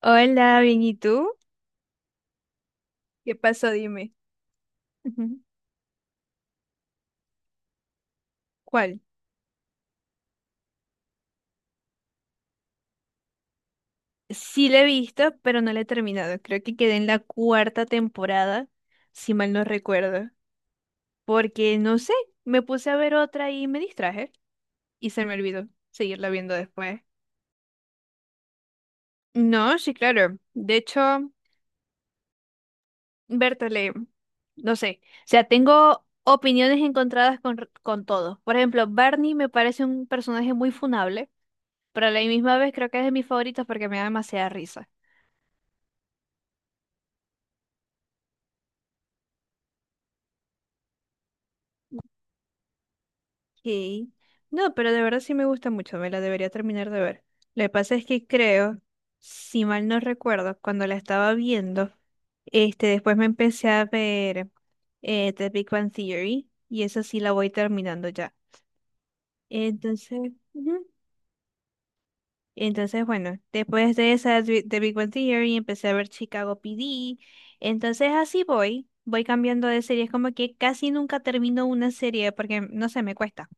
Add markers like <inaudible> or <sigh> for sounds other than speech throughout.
Hola, bien, ¿y tú? ¿Qué pasó? Dime. Ujú. ¿Cuál? Sí la he visto, pero no la he terminado. Creo que quedé en la cuarta temporada, si mal no recuerdo. Porque, no sé, me puse a ver otra y me distraje. Y se me olvidó seguirla viendo después. No, sí, claro. De hecho, Bertale, no sé. O sea, tengo opiniones encontradas con todo. Por ejemplo, Barney me parece un personaje muy funable, pero a la misma vez creo que es de mis favoritos porque me da demasiada risa. Ok. No, pero de verdad sí me gusta mucho, me la debería terminar de ver. Lo que pasa es que creo, si mal no recuerdo, cuando la estaba viendo, este, después me empecé a ver The Big Bang Theory y esa sí la voy terminando ya. Entonces, ujú. Entonces, bueno, después de esa de Big Bang Theory empecé a ver Chicago PD. Entonces así voy cambiando de series, como que casi nunca termino una serie porque no sé, me cuesta.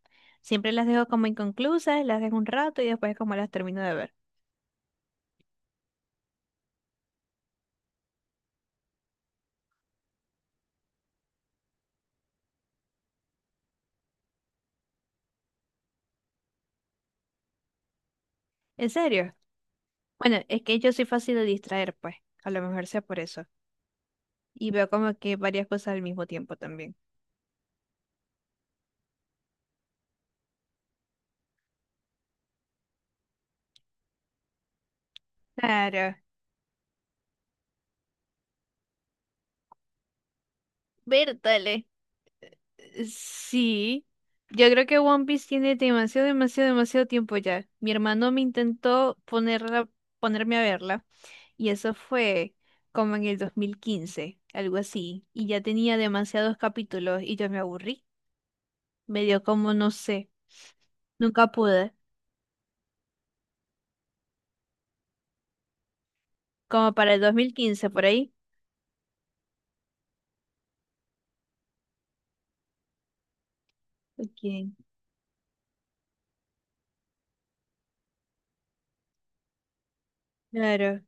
Siempre las dejo como inconclusas, las dejo un rato y después como las termino de ver. ¿En serio? Bueno, es que yo soy fácil de distraer, pues, a lo mejor sea por eso. Y veo como que varias cosas al mismo tiempo también. Claro, Bertale. Sí, yo creo que One Piece tiene demasiado, demasiado, demasiado tiempo ya. Mi hermano me intentó ponerme a verla y eso fue como en el 2015, algo así. Y ya tenía demasiados capítulos y yo me aburrí. Me dio como, no sé, nunca pude. Como para el 2015 por ahí. Ok, claro.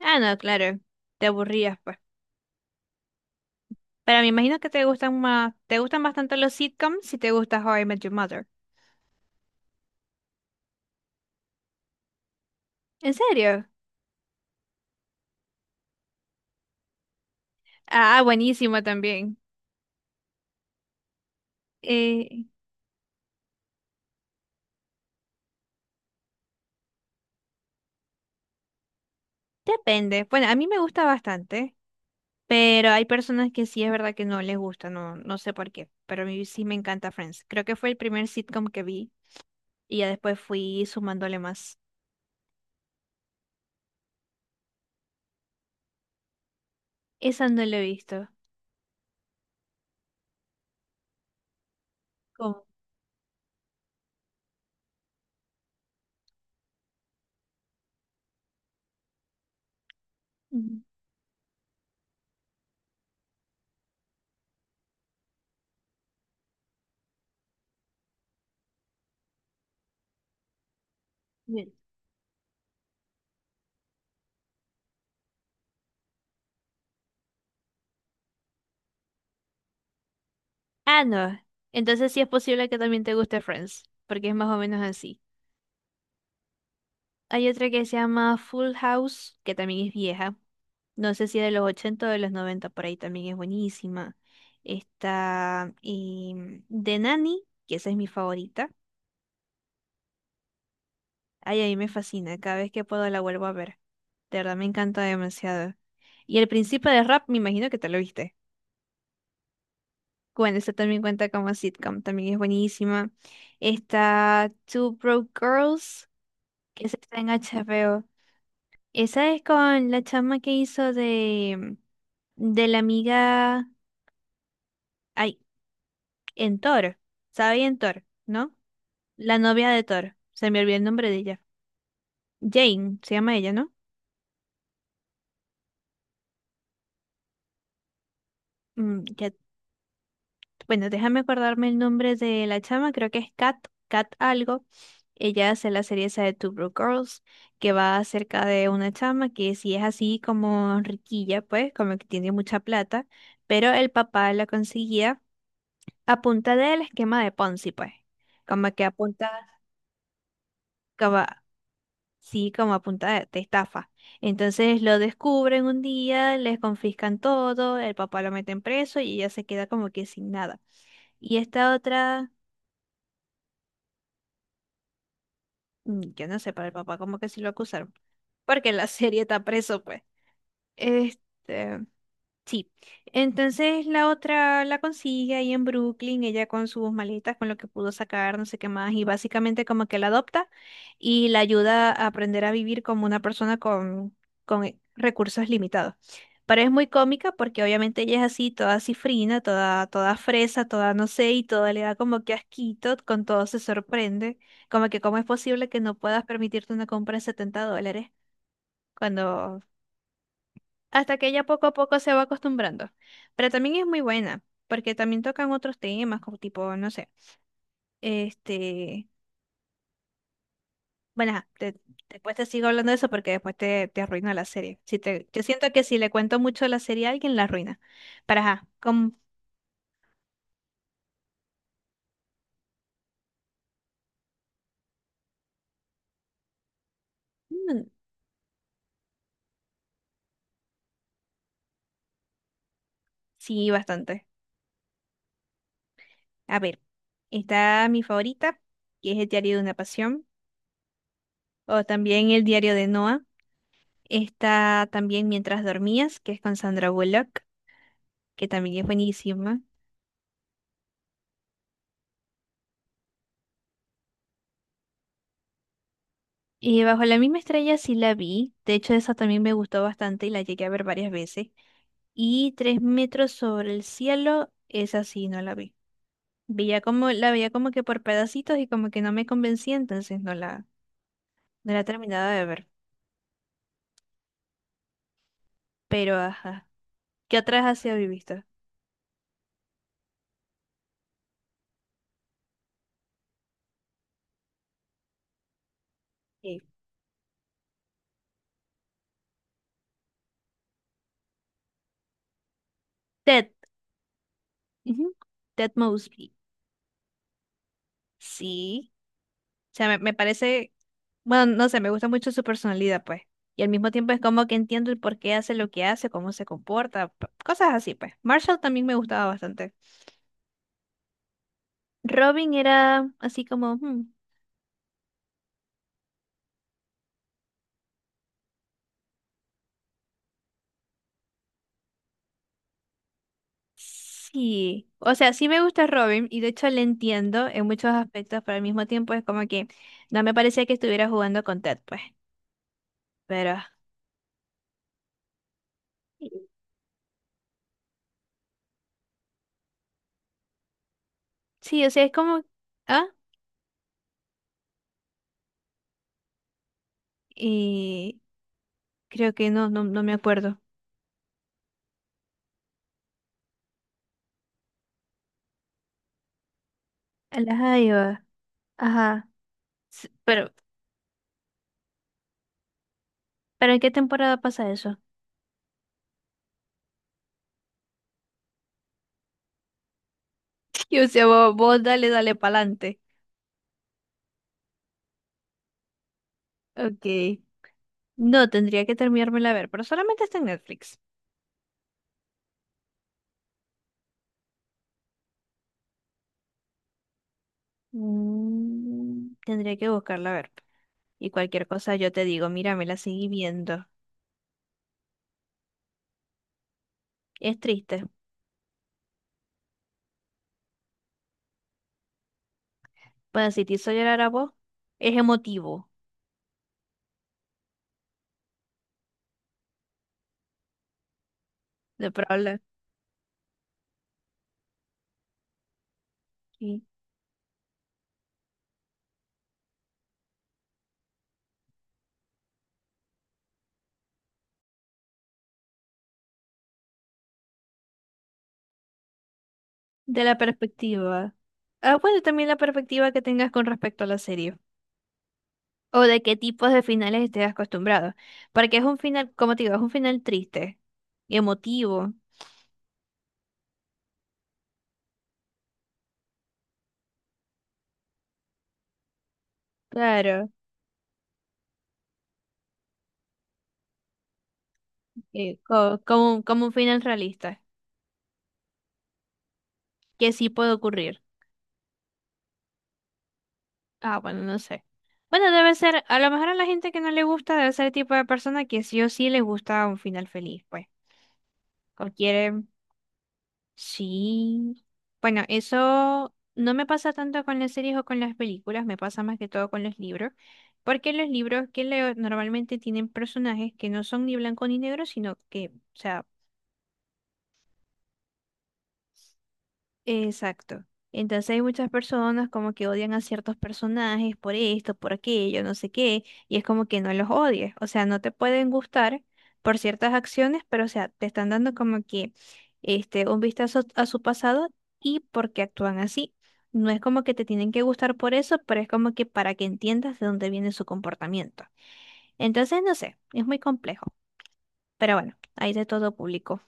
Ah, no, claro. Te aburrías, pues. Pero me imagino que te gustan más, te gustan bastante los sitcoms si te gusta How I Met Your Mother. ¿En serio? Ah, buenísimo también. Eh, Depende. Bueno, a mí me gusta bastante, pero hay personas que sí es verdad que no les gusta, no, no sé por qué, pero a mí sí me encanta Friends. Creo que fue el primer sitcom que vi y ya después fui sumándole más. Esa no la he visto. ¿Cómo? Ujú. Bien. Ah, no. Entonces sí es posible que también te guste Friends, porque es más o menos así. Hay otra que se llama Full House, que también es vieja. No sé si de los 80 o de los 90 por ahí también es buenísima. Está y, de Nani, que esa es mi favorita. Ay, a mí me fascina, cada vez que puedo la vuelvo a ver. De verdad me encanta demasiado. Y El Príncipe de Rap, me imagino que te lo viste. Bueno, esta también cuenta como sitcom, también es buenísima. Está Two Broke Girls, que esa está en HBO. Esa es con la chama que hizo de la amiga, ay, en Thor, ¿sabe? En Thor. ¿No? La novia de Thor. Se me olvidó el nombre de ella. Jane, se llama ella, ¿no? Mm, ya- bueno, déjame acordarme el nombre de la chama, creo que es Kat, Kat algo. Ella hace la serie esa de Two Broke Girls, que va acerca de una chama que sí es así como riquilla, pues, como que tiene mucha plata, pero el papá la conseguía a punta del esquema de Ponzi, pues. Como que apunta, sí, como a punta de estafa. Entonces lo descubren un día, les confiscan todo, el papá lo meten preso y ella se queda como que sin nada. Y esta otra, mm, yo no sé, para el papá como que sí lo acusaron, porque en la <laughs> serie está preso, pues. Este, sí, entonces la otra la consigue ahí en Brooklyn, ella con sus maletas, con lo que pudo sacar, no sé qué más, y básicamente como que la adopta y la ayuda a aprender a vivir como una persona con, con recursos limitados. Pero es muy cómica porque obviamente ella es así, toda cifrina, toda, toda fresa, toda no sé, y toda le da como que asquito, con todo se sorprende, como que cómo es posible que no puedas permitirte una compra de $70 cuando hasta que ella poco a poco se va acostumbrando. Pero también es muy buena, porque también tocan otros temas, como tipo, no sé, este, bueno, ajá, te- después te, sigo hablando de eso porque después te arruina la serie. Si te, yo siento que si le cuento mucho la serie a alguien, la arruina. Para, ajá, con, mm, sí, bastante. A ver, está mi favorita, que es El diario de una pasión, o también El diario de Noah. Está también Mientras dormías, que es con Sandra Bullock, que también es buenísima. Y Bajo la misma estrella sí la vi, de hecho esa también me gustó bastante y la llegué a ver varias veces. Y Tres metros sobre el cielo, esa sí no la vi. Veía como, la veía como que por pedacitos y como que no me convencía, entonces no la terminaba de ver. Pero ajá, ¿qué otras así habéis visto? Eh, Ted, ujú, Ted Mosby. Sí, o sea, me parece bueno, no sé, me gusta mucho su personalidad, pues. Y al mismo tiempo es como que entiendo el por qué hace lo que hace, cómo se comporta, p- cosas así, pues. Marshall también me gustaba bastante. Robin era así como, hmm, sí. O sea, sí me gusta Robin y de hecho le entiendo en muchos aspectos, pero al mismo tiempo es como que no me parecía que estuviera jugando con Ted, pues. Pero sí, o sea, es como, ah, y creo que no, no, no me acuerdo. Ajá, ajá. S- ¿pero en qué temporada pasa eso? Y o sea, vos, vos dale, dale pa'lante. Ok. No, tendría que terminármela a ver, pero solamente está en Netflix. Mm, tendría que buscarla a ver. Y cualquier cosa yo te digo, mira, me la seguí viendo. Es triste. Bueno, si te hizo llorar a vos, es emotivo. De probable hablar sí, de la perspectiva. Ah, bueno, también la perspectiva que tengas con respecto a la serie. O de qué tipos de finales estés acostumbrado. Porque es un final, como te digo, es un final triste y emotivo. Claro. Co- como, como un final realista, que sí puede ocurrir. Ah, bueno, no sé. Bueno, debe ser, a lo mejor a la gente que no le gusta, debe ser el tipo de persona que sí o sí les gusta un final feliz, pues. O quieren, sí. Bueno, eso no me pasa tanto con las series o con las películas, me pasa más que todo con los libros, porque los libros que leo normalmente tienen personajes que no son ni blanco ni negro, sino que, o sea, exacto. Entonces hay muchas personas como que odian a ciertos personajes por esto, por aquello, no sé qué, y es como que no los odies, o sea, no te pueden gustar por ciertas acciones, pero o sea, te están dando como que este un vistazo a su pasado y por qué actúan así. No es como que te tienen que gustar por eso, pero es como que para que entiendas de dónde viene su comportamiento. Entonces, no sé, es muy complejo, pero bueno, hay de todo público.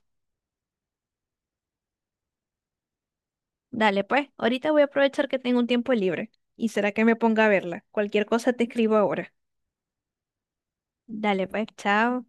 Dale, pues, ahorita voy a aprovechar que tengo un tiempo libre. ¿Y será que me ponga a verla? Cualquier cosa te escribo ahora. Dale, pues, chao.